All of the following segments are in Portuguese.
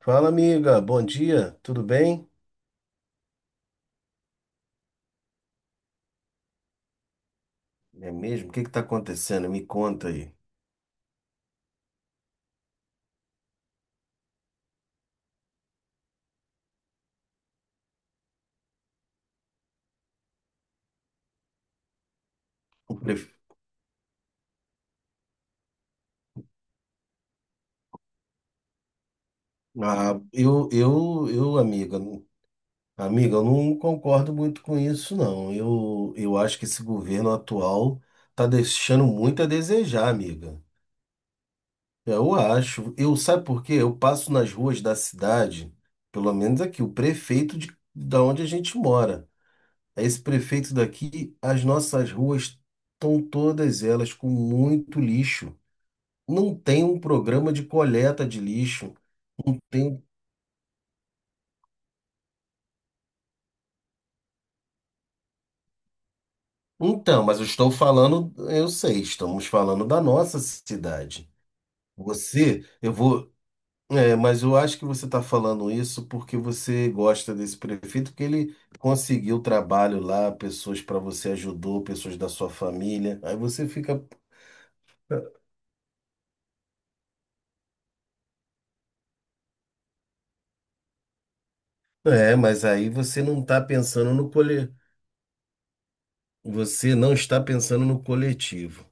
Fala, amiga. Bom dia. Tudo bem? É mesmo? O que que tá acontecendo? Me conta aí. Eu pref- Ah, eu, amiga, não- amiga, eu não concordo muito com isso, não. Eu acho que esse governo atual tá deixando muito a desejar, amiga. Eu acho. Eu, sabe por quê? Eu passo nas ruas da cidade, pelo menos aqui, o prefeito de, da onde a gente mora. Esse prefeito daqui, as nossas ruas estão todas elas com muito lixo. Não tem um programa de coleta de lixo. Não tem. Então, mas eu estou falando, eu sei, estamos falando da nossa cidade. Você, eu vou. É, mas eu acho que você está falando isso porque você gosta desse prefeito, porque ele conseguiu trabalho lá, pessoas para você ajudou, pessoas da sua família. Aí você fica. É, mas aí você não está pensando no cole... Você não está pensando no coletivo.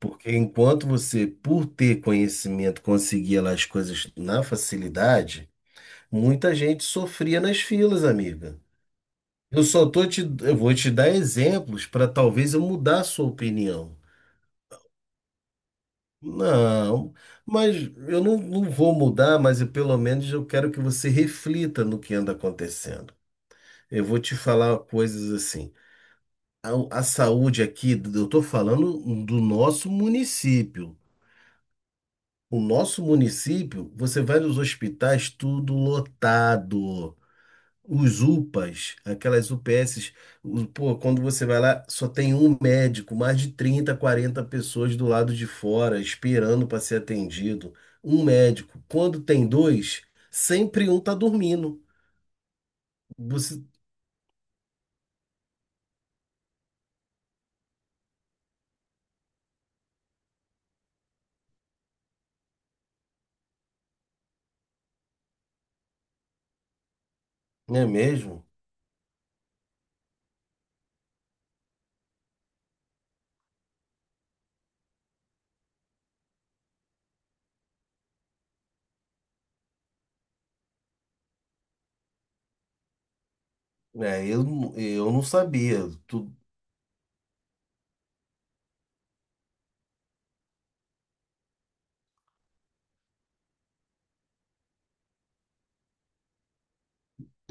Porque enquanto você, por ter conhecimento, conseguia lá as coisas na facilidade, muita gente sofria nas filas, amiga. Eu vou te dar exemplos para talvez eu mudar a sua opinião. Não, mas não vou mudar, mas eu, pelo menos eu quero que você reflita no que anda acontecendo. Eu vou te falar coisas assim. A saúde aqui, eu estou falando do nosso município. O nosso município, você vai nos hospitais, tudo lotado. Os UPAs, aquelas UPSs, pô, quando você vai lá, só tem um médico, mais de 30 40 pessoas do lado de fora esperando para ser atendido. Um médico. Quando tem dois, sempre um tá dormindo. Você, não é mesmo? É, eu, eu não sabia. Tu,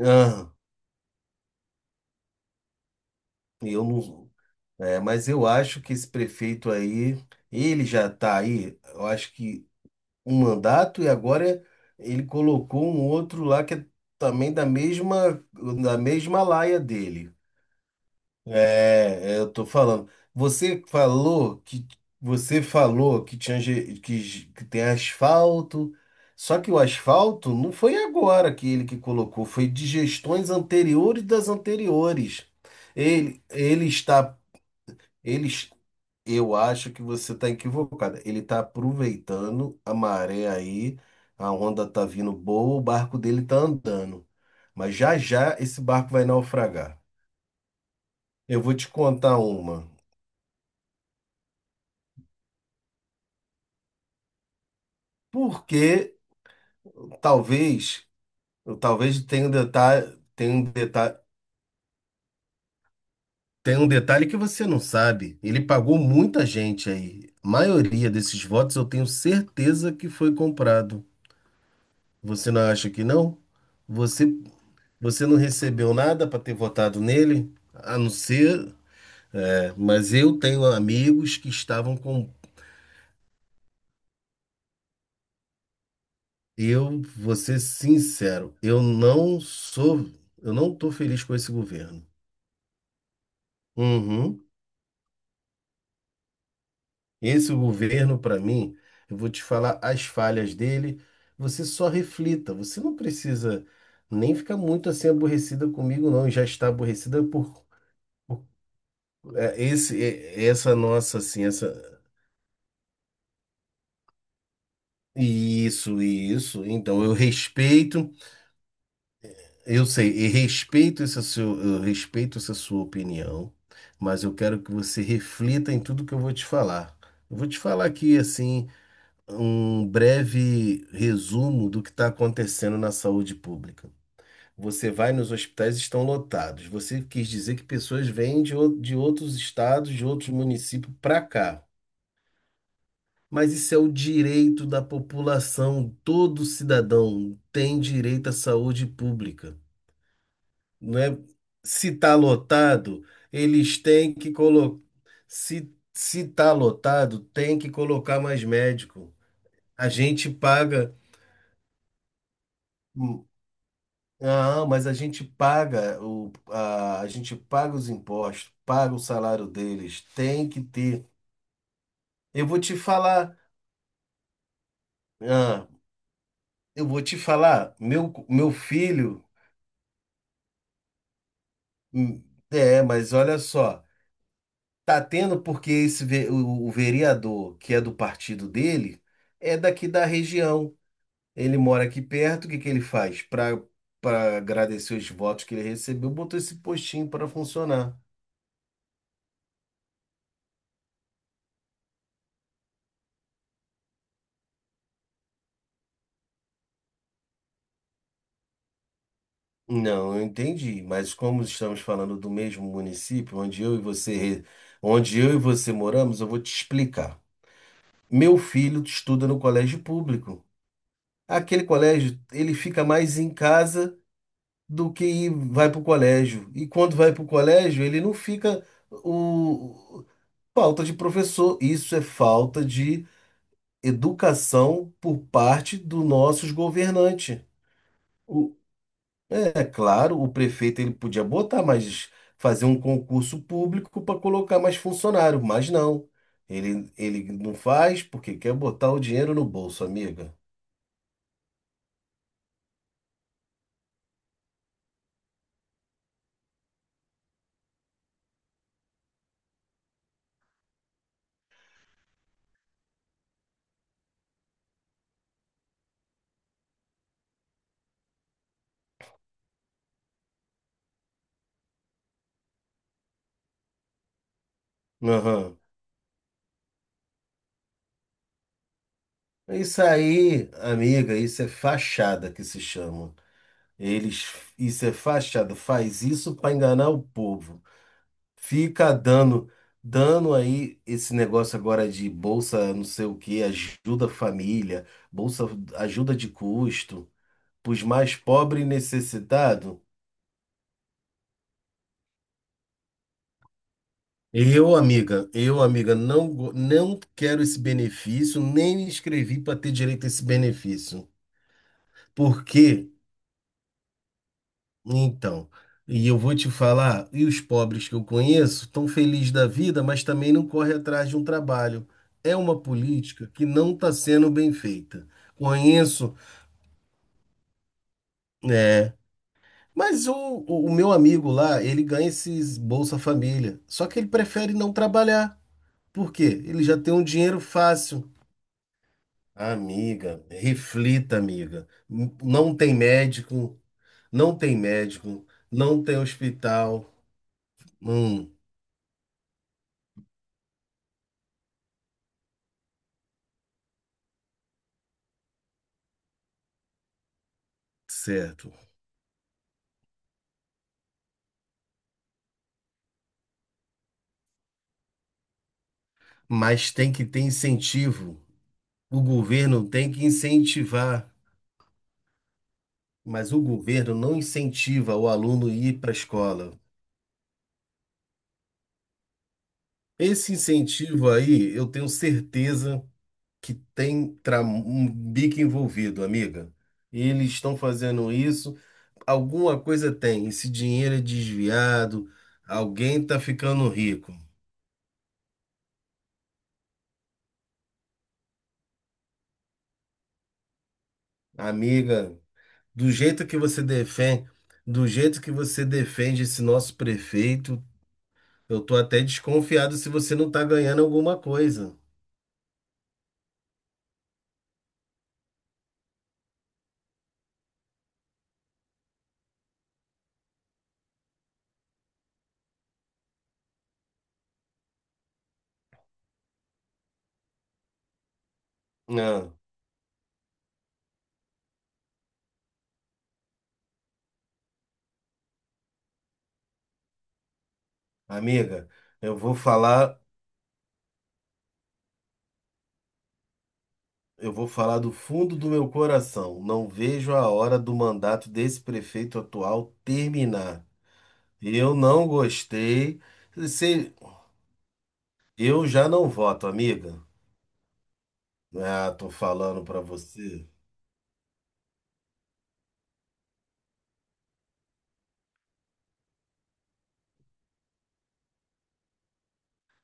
ah, eu não. É, mas eu acho que esse prefeito aí, ele já está aí, eu acho que um mandato e agora ele colocou um outro lá que é também da mesma laia dele. Eu tô falando. Você falou que tinha que tem asfalto, só que o asfalto não foi agora que ele que colocou, foi de gestões anteriores das anteriores. Ele, ele está, ele, eu acho que você está equivocada. Ele está aproveitando a maré aí, a onda está vindo boa, o barco dele está andando. Mas já já esse barco vai naufragar. Eu vou te contar uma. Porque talvez, talvez tenha um detalhe, tem um detalhe que você não sabe. Ele pagou muita gente aí. A maioria desses votos eu tenho certeza que foi comprado. Você não acha que não? Você Você não recebeu nada para ter votado nele? A não ser. É, mas eu tenho amigos que estavam com. Eu vou ser sincero, eu não sou. Eu não estou feliz com esse governo. Uhum. Esse governo, para mim, eu vou te falar as falhas dele. Você só reflita. Você não precisa nem ficar muito assim aborrecida comigo, não. Já está aborrecida por é, esse, é, essa nossa, assim, essa. Isso, isso. Então eu respeito, eu sei, e respeito essa sua, eu respeito essa sua opinião, mas eu quero que você reflita em tudo que eu vou te falar. Eu vou te falar aqui assim um breve resumo do que está acontecendo na saúde pública. Você vai nos hospitais, estão lotados. Você quis dizer que pessoas vêm de, de outros estados, de outros municípios para cá. Mas isso é o direito da população, todo cidadão tem direito à saúde pública, não é? Se está lotado, eles têm que colocar. Se está lotado, tem que colocar mais médico. A gente paga. Hum. Ah, mas a gente paga a gente paga os impostos, paga o salário deles, tem que ter. Eu vou te falar, ah, eu vou te falar, meu filho. Hum. É, mas olha só, tá tendo porque esse o vereador que é do partido dele é daqui da região. Ele mora aqui perto, o que que ele faz? Para agradecer os votos que ele recebeu, botou esse postinho para funcionar. Não, eu entendi, mas como estamos falando do mesmo município onde eu e você, re- onde eu e você moramos, eu vou te explicar. Meu filho estuda no colégio público. Aquele colégio, ele fica mais em casa do que vai para o colégio. E quando vai para o colégio, ele não fica o falta de professor. Isso é falta de educação por parte dos nossos governantes. O- É claro, o prefeito ele podia botar, mas fazer um concurso público para colocar mais funcionário, mas não. Ele não faz porque quer botar o dinheiro no bolso, amiga. Aham. Isso aí, amiga, isso é fachada que se chama. Eles, isso é fachada, faz isso para enganar o povo. Fica dando, dando aí esse negócio agora de bolsa, não sei o que, ajuda família, bolsa ajuda de custo, para os mais pobres e necessitados. Eu, amiga, não quero esse benefício, nem me inscrevi para ter direito a esse benefício. Porque Então, e eu vou te falar, e os pobres que eu conheço estão felizes da vida, mas também não correm atrás de um trabalho. É uma política que não está sendo bem feita. Conheço, é, mas o meu amigo lá, ele ganha esses Bolsa Família, só que ele prefere não trabalhar. Por quê? Ele já tem um dinheiro fácil. Amiga, reflita, amiga. Não tem médico, não tem médico, não tem hospital. Hum. Certo. Mas tem que ter incentivo. O governo tem que incentivar, mas o governo não incentiva o aluno a ir para a escola. Esse incentivo aí, eu tenho certeza que tem um bico envolvido, amiga. Eles estão fazendo isso, alguma coisa tem. Esse dinheiro é desviado, alguém está ficando rico. Amiga, do jeito que você defende, do jeito que você defende esse nosso prefeito, eu tô até desconfiado se você não tá ganhando alguma coisa. Não, amiga, eu vou falar, eu vou falar do fundo do meu coração. Não vejo a hora do mandato desse prefeito atual terminar. Eu não gostei. Se, eu já não voto, amiga. Ah, tô falando pra você.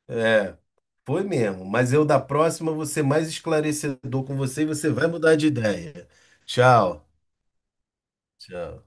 É, foi mesmo. Mas eu da próxima vou ser mais esclarecedor com você e você vai mudar de ideia. Tchau. Tchau.